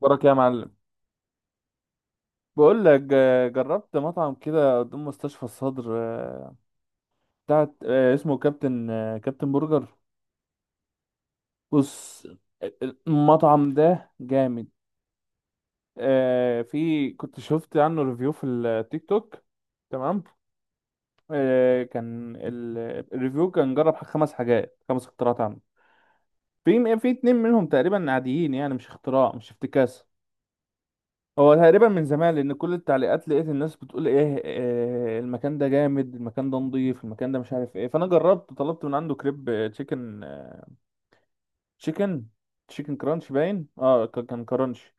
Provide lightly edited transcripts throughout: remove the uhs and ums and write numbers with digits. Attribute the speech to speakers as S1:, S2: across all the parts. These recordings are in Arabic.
S1: بركة يا معلم. بقول لك جربت مطعم كده قدام مستشفى الصدر، بتاعت اسمه كابتن، كابتن برجر. بص، المطعم ده جامد. في كنت شفت عنه ريفيو في التيك توك. تمام. كان الريفيو كان جرب خمس حاجات، خمس اختراعات عنه. في اتنين منهم تقريبا عاديين، يعني مش اختراع، مش افتكاسة. هو تقريبا من زمان، لان كل التعليقات لقيت الناس بتقول ايه، المكان ده جامد، المكان ده نضيف، المكان ده مش عارف ايه. فانا جربت، طلبت من عنده كريب تشيكن، تشيكن تشيكن كرانش. باين كان كرانش.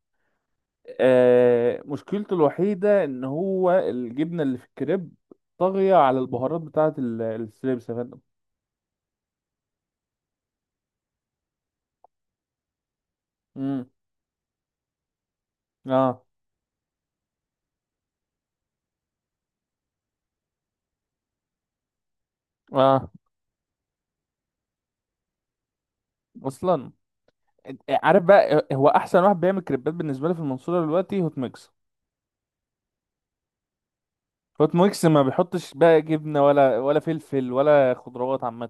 S1: مشكلته الوحيده ان هو الجبنه اللي في الكريب طاغيه على البهارات بتاعه الستريبس يا فندم. امم. اه. اه. اصلا. عارف بقى هو احسن واحد بيعمل كريبات بالنسبه لي في المنصوره دلوقتي؟ هوت ميكس. فوت ميكس ما بيحطش بقى جبنه، ولا فلفل ولا خضروات عامه.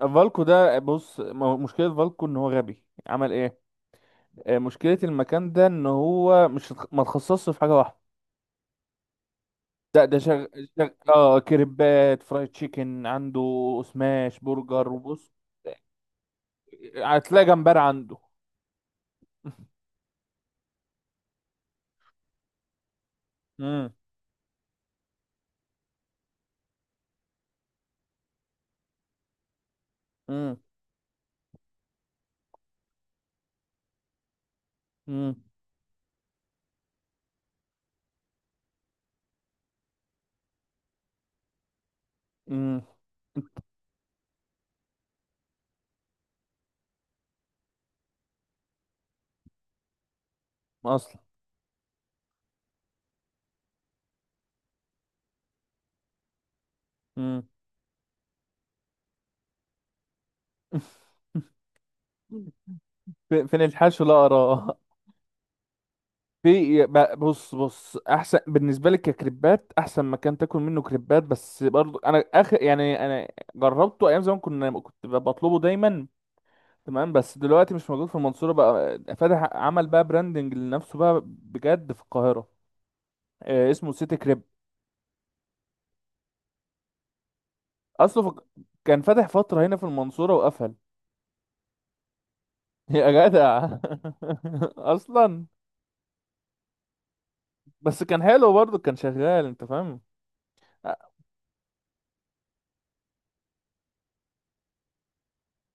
S1: فالكو ده، بص، مشكله فالكو ان هو غبي، عمل ايه؟ مشكله المكان ده ان هو مش اتخ- ما اتخصصش في حاجه واحده. ده شغ... شغ... اه كريبات، فرايد تشيكن عنده، سماش برجر، وبص، هتلاقي جمبري عنده. امم. امم. امم. امم. اصلا. امم. فين الحشو لا اراه؟ بص، احسن بالنسبه لك ككريبات، احسن مكان تاكل منه كريبات، بس برضو انا اخر يعني انا جربته ايام زمان، كنت بطلبه دايما. تمام. بس دلوقتي مش موجود في المنصوره، بقى فاتح، عمل بقى براندنج لنفسه بقى بجد في القاهره. اسمه سيتي كريب. اصله في... كان فاتح فتره هنا في المنصوره وقفل. يا جدع. اصلا. بس كان حلو برضو، كان شغال انت فاهم.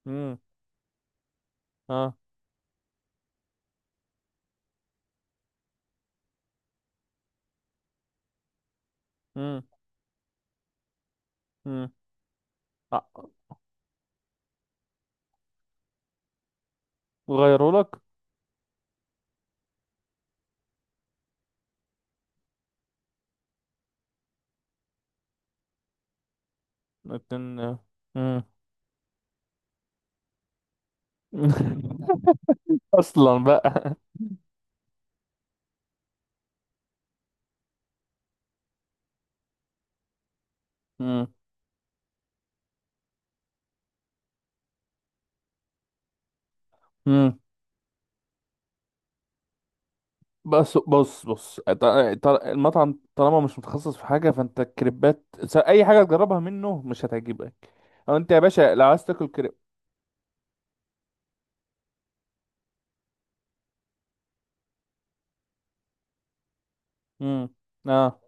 S1: امم. اه. امم. امم. غيره لك. لكن. مم. اصلا بقى. مم. مم. بس بص، المطعم طالما مش متخصص في حاجه، فانت الكريبات، اي حاجه تجربها منه مش هتعجبك. او انت يا باشا لو عايز تاكل كريب. مم. اه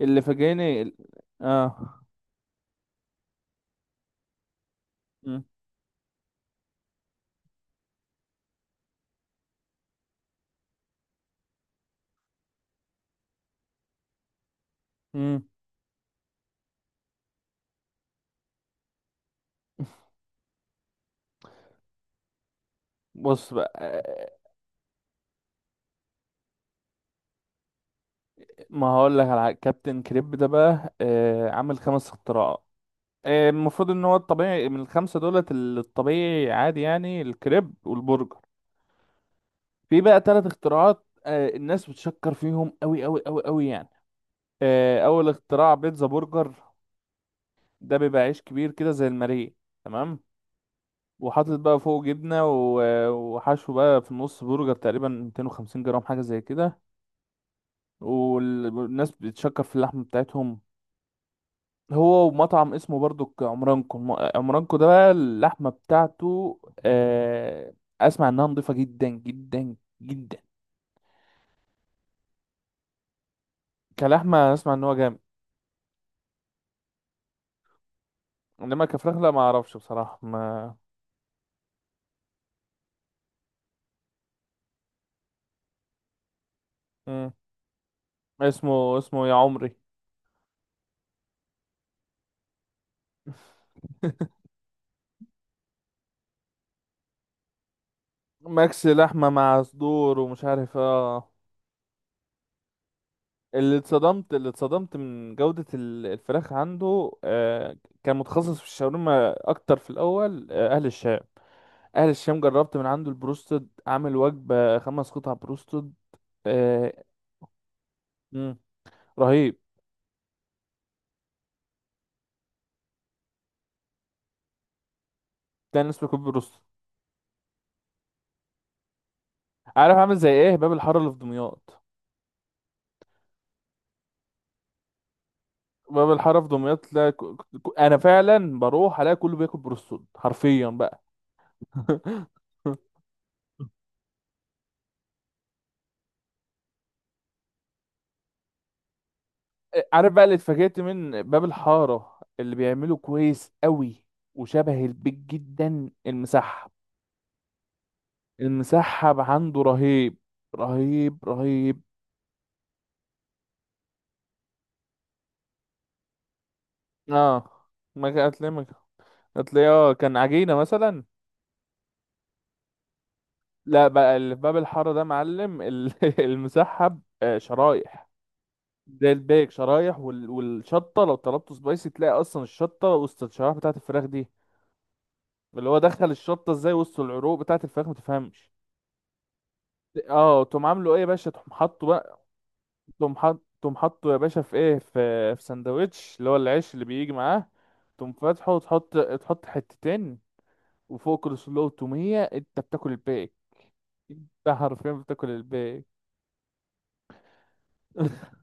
S1: اللي فاجئني اه. مم. مم. بص بقى، ما هقول لك على حاجة. كابتن كريب ده بقى، عامل خمس اختراعات. المفروض ان هو الطبيعي من الخمسه دولت، الطبيعي عادي يعني الكريب والبرجر. في بقى ثلاث اختراعات، الناس بتشكر فيهم قوي قوي قوي قوي يعني. اول اختراع بيتزا برجر. ده بيبقى عيش كبير كده زي الماريه، تمام، وحاطط بقى فوق جبنه وحشو بقى في النص، برجر تقريبا 250 جرام حاجه زي كده. والناس بتشكر في اللحمه بتاعتهم. هو ومطعم اسمه برضو عمرانكو، عمرانكو ده بقى اللحمه بتاعته، آه، اسمع انها نضيفه جدا جدا جدا. كلحمه اسمع ان هو جامد. انما كفراخ لا، ما اعرفش بصراحه، ما. مم. اسمه يا عمري. ماكس لحمه مع صدور ومش عارف اللي اتصدمت من جوده الفراخ عنده كان متخصص في الشاورما اكتر في الاول، اهل الشام. اهل الشام، جربت من عنده البروستد، عامل وجبه خمس قطع بروستد. آه. مم. رهيب. كان اسمه كوب بروستد. عارف عامل زي ايه؟ باب الحاره اللي في دمياط. باب الحاره في دمياط، لا. انا فعلا بروح الاقي كله بياكل بروستون حرفيا بقى. عارف بقى اللي اتفاجئت من باب الحاره اللي بيعمله كويس قوي، وشبه البيت جدا؟ المسحب. المسحب عنده رهيب. رهيب رهيب. اه ما كان- هتلاقيه ما كان- هتلاقيه، كان عجينه مثلا. لا بقى اللي في باب الحاره ده معلم المسحب، شرايح زي الباقي، شرايح والشطه، لو طلبته سبايسي تلاقي اصلا الشطه وسط الشرايح بتاعه الفراخ دي. اللي هو دخل الشطه ازاي وسط العروق بتاعه الفراخ ما تفهمش. اه. تقوم عامله ايه يا باشا؟ تقوم حاطه بقى، تقوم حاطه يا باشا في ايه؟ في سندوتش اللي هو العيش اللي بيجي معاه. تقوم فاتحه، وتحط حتتين، وفوق كل سلو وتومية. انت بتاكل الباقي. انت حرفيا بتاكل الباقي.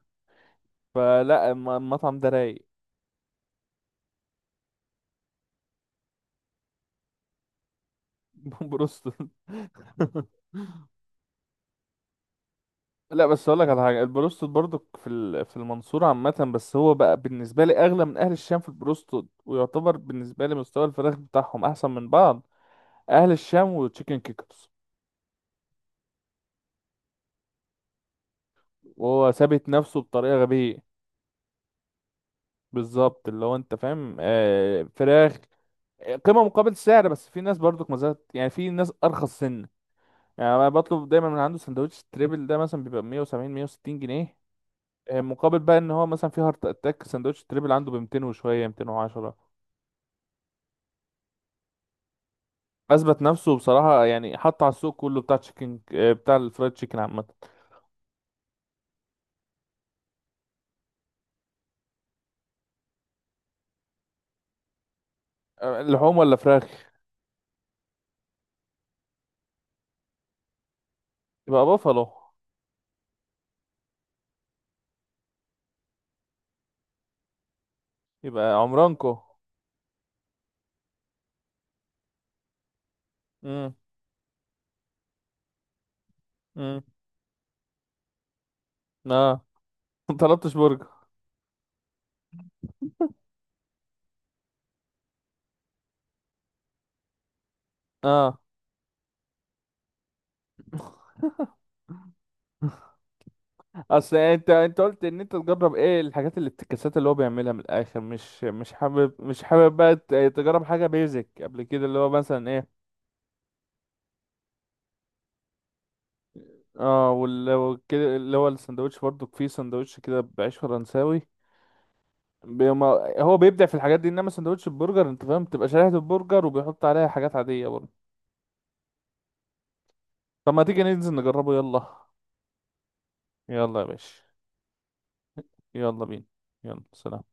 S1: فلا، المطعم ده رايق. بروستو. لا بس اقول لك على حاجه، البروستد برضو في في المنصوره عامه، بس هو بقى بالنسبه لي اغلى من اهل الشام في البروستد، ويعتبر بالنسبه لي مستوى الفراخ بتاعهم احسن من بعض. اهل الشام وتشيكن كيكرز. وهو ثابت نفسه بطريقه غبيه. بالظبط اللي هو انت فاهم، فراخ. قيمه مقابل سعر. بس في ناس برضو ما زالت، يعني في ناس ارخص سن. يعني انا بطلب دايما من عنده سندوتش تريبل، ده مثلا بيبقى 170 160 جنيه، مقابل بقى ان هو مثلا في هارت اتاك سندوتش تريبل عنده ب 200 وشويه 210. اثبت نفسه بصراحه، يعني حط على السوق كله بتاع تشيكن، بتاع الفرايد تشيكن عامه. لحوم ولا فراخ؟ يبقى بافالو. يبقى عمرانكو. امم. امم. اه. ما طلبتش برجر. اه. اصل انت قلت ان انت تجرب ايه الحاجات، اللي الافتكاسات اللي هو بيعملها من الاخر، مش حابب مش حابب بقى تجرب حاجه بيزك قبل كده اللي هو مثلا ايه. اه وكده، اللي هو السندوتش برضو فيه سندوتش كده بعيش فرنساوي بيما. هو بيبدع في الحاجات دي، انما سندوتش البرجر انت فاهم، بتبقى شريحة البرجر وبيحط عليها حاجات عادية برضه. طب ما تيجي ننزل نجربه؟ يلا. يلا يا باشا. يلا بينا. يلا سلام.